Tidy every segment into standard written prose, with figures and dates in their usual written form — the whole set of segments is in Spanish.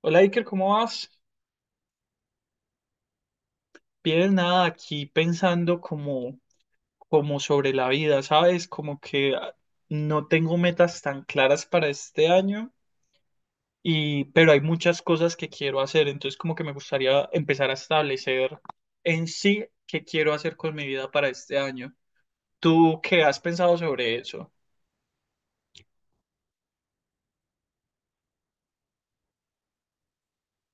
Hola Iker, ¿cómo vas? Bien, nada, aquí pensando como sobre la vida, ¿sabes? Como que no tengo metas tan claras para este año, pero hay muchas cosas que quiero hacer, entonces como que me gustaría empezar a establecer en sí qué quiero hacer con mi vida para este año. ¿Tú qué has pensado sobre eso?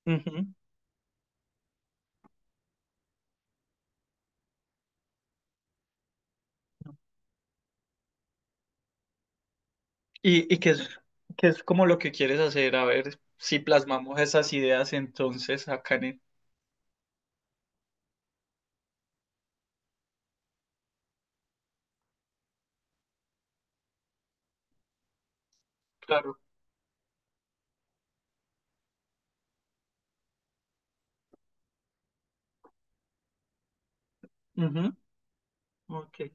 Ujú. ¿Y qué es como lo que quieres hacer? A ver si plasmamos esas ideas entonces acá en el. Claro. Ujú. Ok.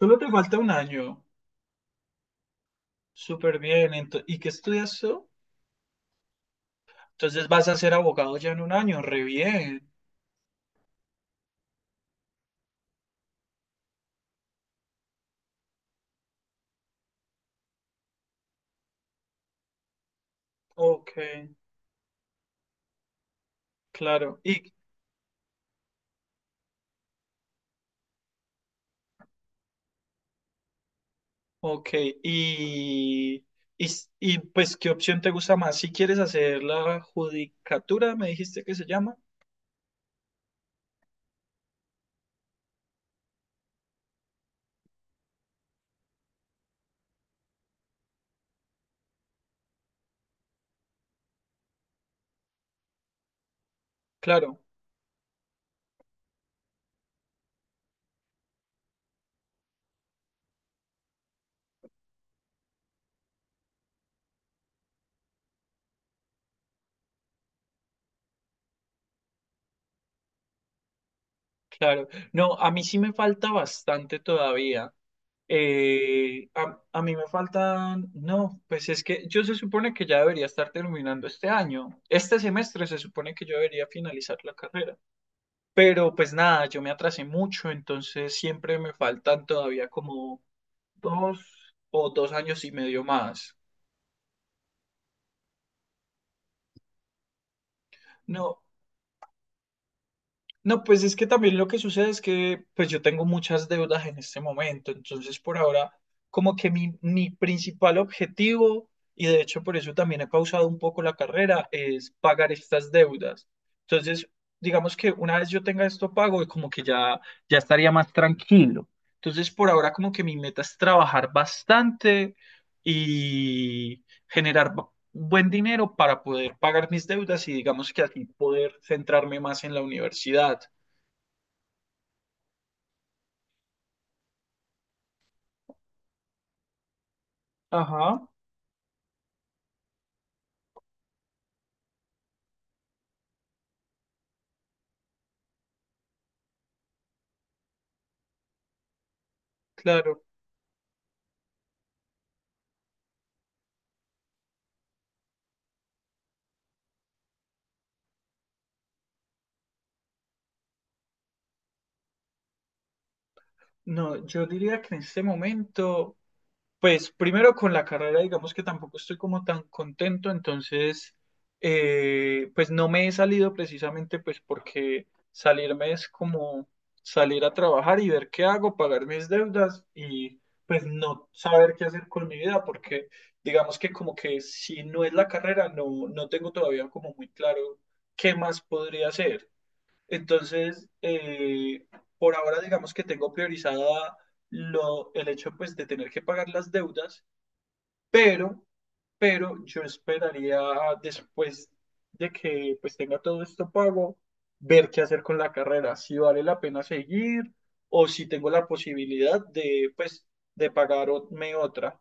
Solo te falta un año. Súper bien. ¿Y qué estudias tú? Entonces vas a ser abogado ya en un año. Re bien. Ok, claro. Y, ok, y, pues, ¿qué opción te gusta más? Si quieres hacer la judicatura, me dijiste que se llama. Claro, claro. No, a mí sí me falta bastante todavía. A mí me faltan, no, pues es que yo se supone que ya debería estar terminando este año. Este semestre se supone que yo debería finalizar la carrera. Pero pues nada, yo me atrasé mucho, entonces siempre me faltan todavía como 2 o 2 años y medio más. No, no, pues es que también lo que sucede es que pues yo tengo muchas deudas en este momento, entonces por ahora como que mi principal objetivo, y de hecho por eso también he pausado un poco la carrera, es pagar estas deudas. Entonces, digamos que una vez yo tenga esto pago, como que ya, ya estaría más tranquilo. Entonces por ahora como que mi meta es trabajar bastante y generar buen dinero para poder pagar mis deudas y digamos que así poder centrarme más en la universidad. Ajá, claro. No, yo diría que en este momento, pues primero con la carrera, digamos que tampoco estoy como tan contento, entonces, pues no me he salido precisamente pues porque salirme es como salir a trabajar y ver qué hago, pagar mis deudas y pues no saber qué hacer con mi vida, porque digamos que como que si no es la carrera, no tengo todavía como muy claro qué más podría hacer. Entonces, por ahora digamos que tengo priorizada el hecho pues de tener que pagar las deudas, pero, pero yo esperaría después de que pues tenga todo esto pago, ver qué hacer con la carrera, si vale la pena seguir o si tengo la posibilidad de pues de pagarme otra.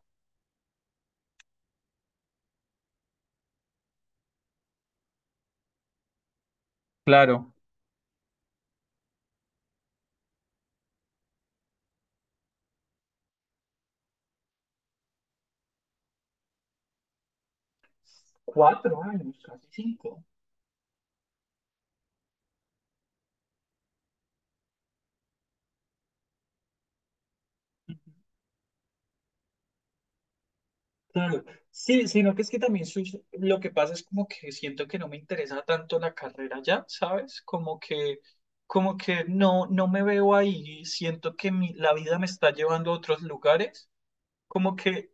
Claro. 4 años, casi 5. Claro, sí, sino que es que también lo que pasa es como que siento que no me interesa tanto la carrera ya, ¿sabes? Como que, como que no me veo ahí, siento que la vida me está llevando a otros lugares, como que,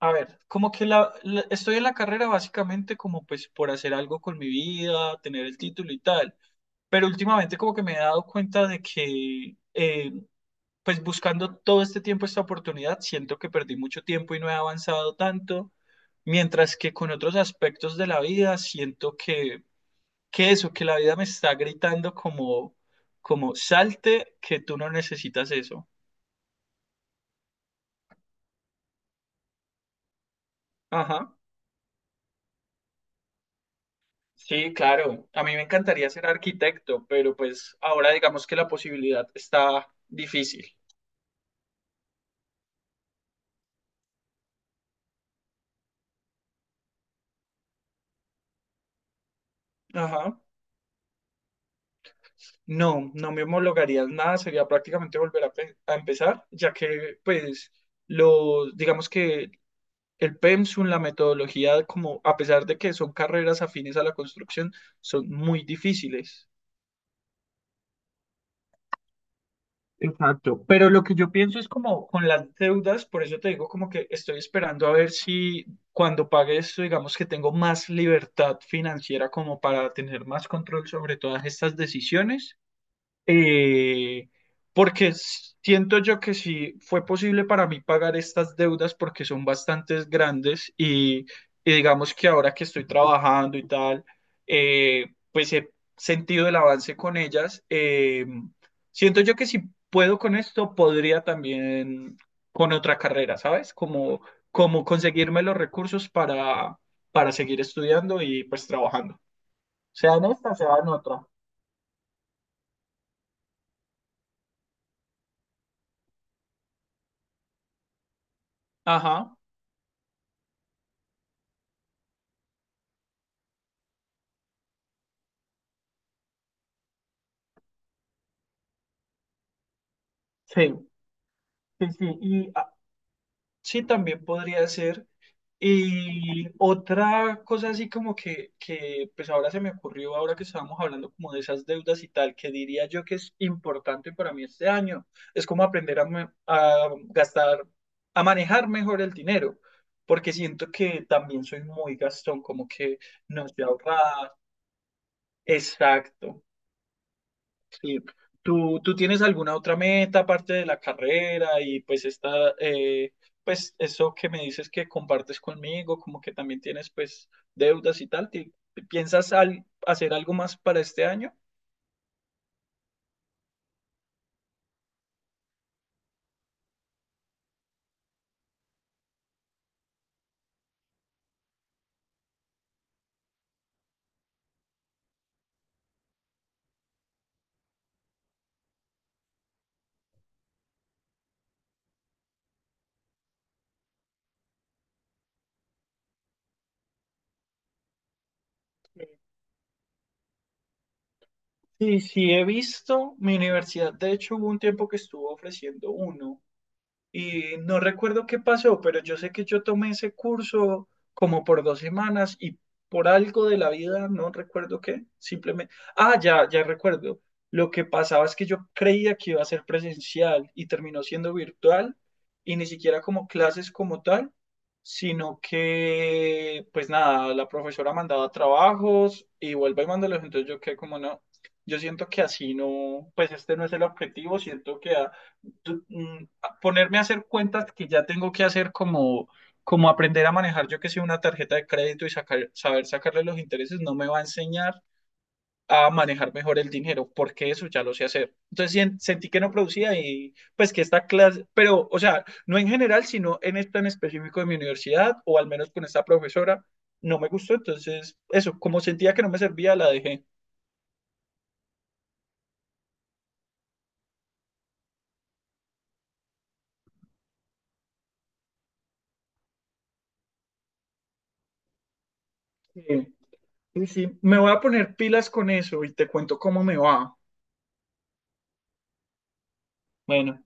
a ver, como que estoy en la carrera básicamente como pues por hacer algo con mi vida, tener el título y tal, pero últimamente como que me he dado cuenta de que pues buscando todo este tiempo esta oportunidad, siento que perdí mucho tiempo y no he avanzado tanto, mientras que con otros aspectos de la vida siento que, eso, que la vida me está gritando como, como salte, que tú no necesitas eso. Ajá. Sí, claro. A mí me encantaría ser arquitecto, pero pues ahora digamos que la posibilidad está difícil. Ajá. No, no me homologaría en nada, sería prácticamente volver a, a empezar, ya que pues los, digamos que el PEMSUM, la metodología, como a pesar de que son carreras afines a la construcción, son muy difíciles. Exacto, pero lo que yo pienso es como con las deudas, por eso te digo como que estoy esperando a ver si cuando pague esto, digamos que tengo más libertad financiera como para tener más control sobre todas estas decisiones. eh, Porque siento yo que sí fue posible para mí pagar estas deudas porque son bastantes grandes y digamos que ahora que estoy trabajando y tal, eh, pues he sentido el avance con ellas. Siento yo que si puedo con esto, podría también con otra carrera, ¿sabes? Como conseguirme los recursos para, seguir estudiando y pues trabajando. Sea en esta, sea en otra. Ajá, sí. Sí, sí, y sí también podría ser. Y otra cosa así como pues ahora se me ocurrió, ahora que estábamos hablando como de esas deudas y tal, que diría yo que es importante para mí este año, es como aprender a, a gastar, a manejar mejor el dinero, porque siento que también soy muy gastón, como que no sé ahorrar. Exacto. Sí. ¿Tú tienes alguna otra meta aparte de la carrera y pues esta, pues eso que me dices que compartes conmigo, como que también tienes pues deudas y tal? ¿Piensas hacer algo más para este año? Sí, sí, he visto. Mi universidad, de hecho, hubo un tiempo que estuvo ofreciendo uno. Y no recuerdo qué pasó, pero yo sé que yo tomé ese curso como por 2 semanas y por algo de la vida, no recuerdo qué, simplemente, ah, ya, ya recuerdo. Lo que pasaba es que yo creía que iba a ser presencial y terminó siendo virtual y ni siquiera como clases como tal, sino que, pues nada, la profesora mandaba trabajos y vuelve y mándalos, entonces yo quedé como no. Yo siento que así no, pues este no es el objetivo, siento que tú- mm, ponerme a hacer cuentas que ya tengo que hacer como, como aprender a manejar, yo que sé, una tarjeta de crédito y sacar, saber sacarle los intereses, no me va a enseñar a manejar mejor el dinero, porque eso ya lo sé hacer. Entonces sentí que no producía y pues que esta clase, pero o sea, no en general, sino en este en específico de mi universidad o al menos con esta profesora, no me gustó. Entonces, eso, como sentía que no me servía, la dejé. Sí, sí, sí. Me voy a poner pilas con eso y te cuento cómo me va. Bueno.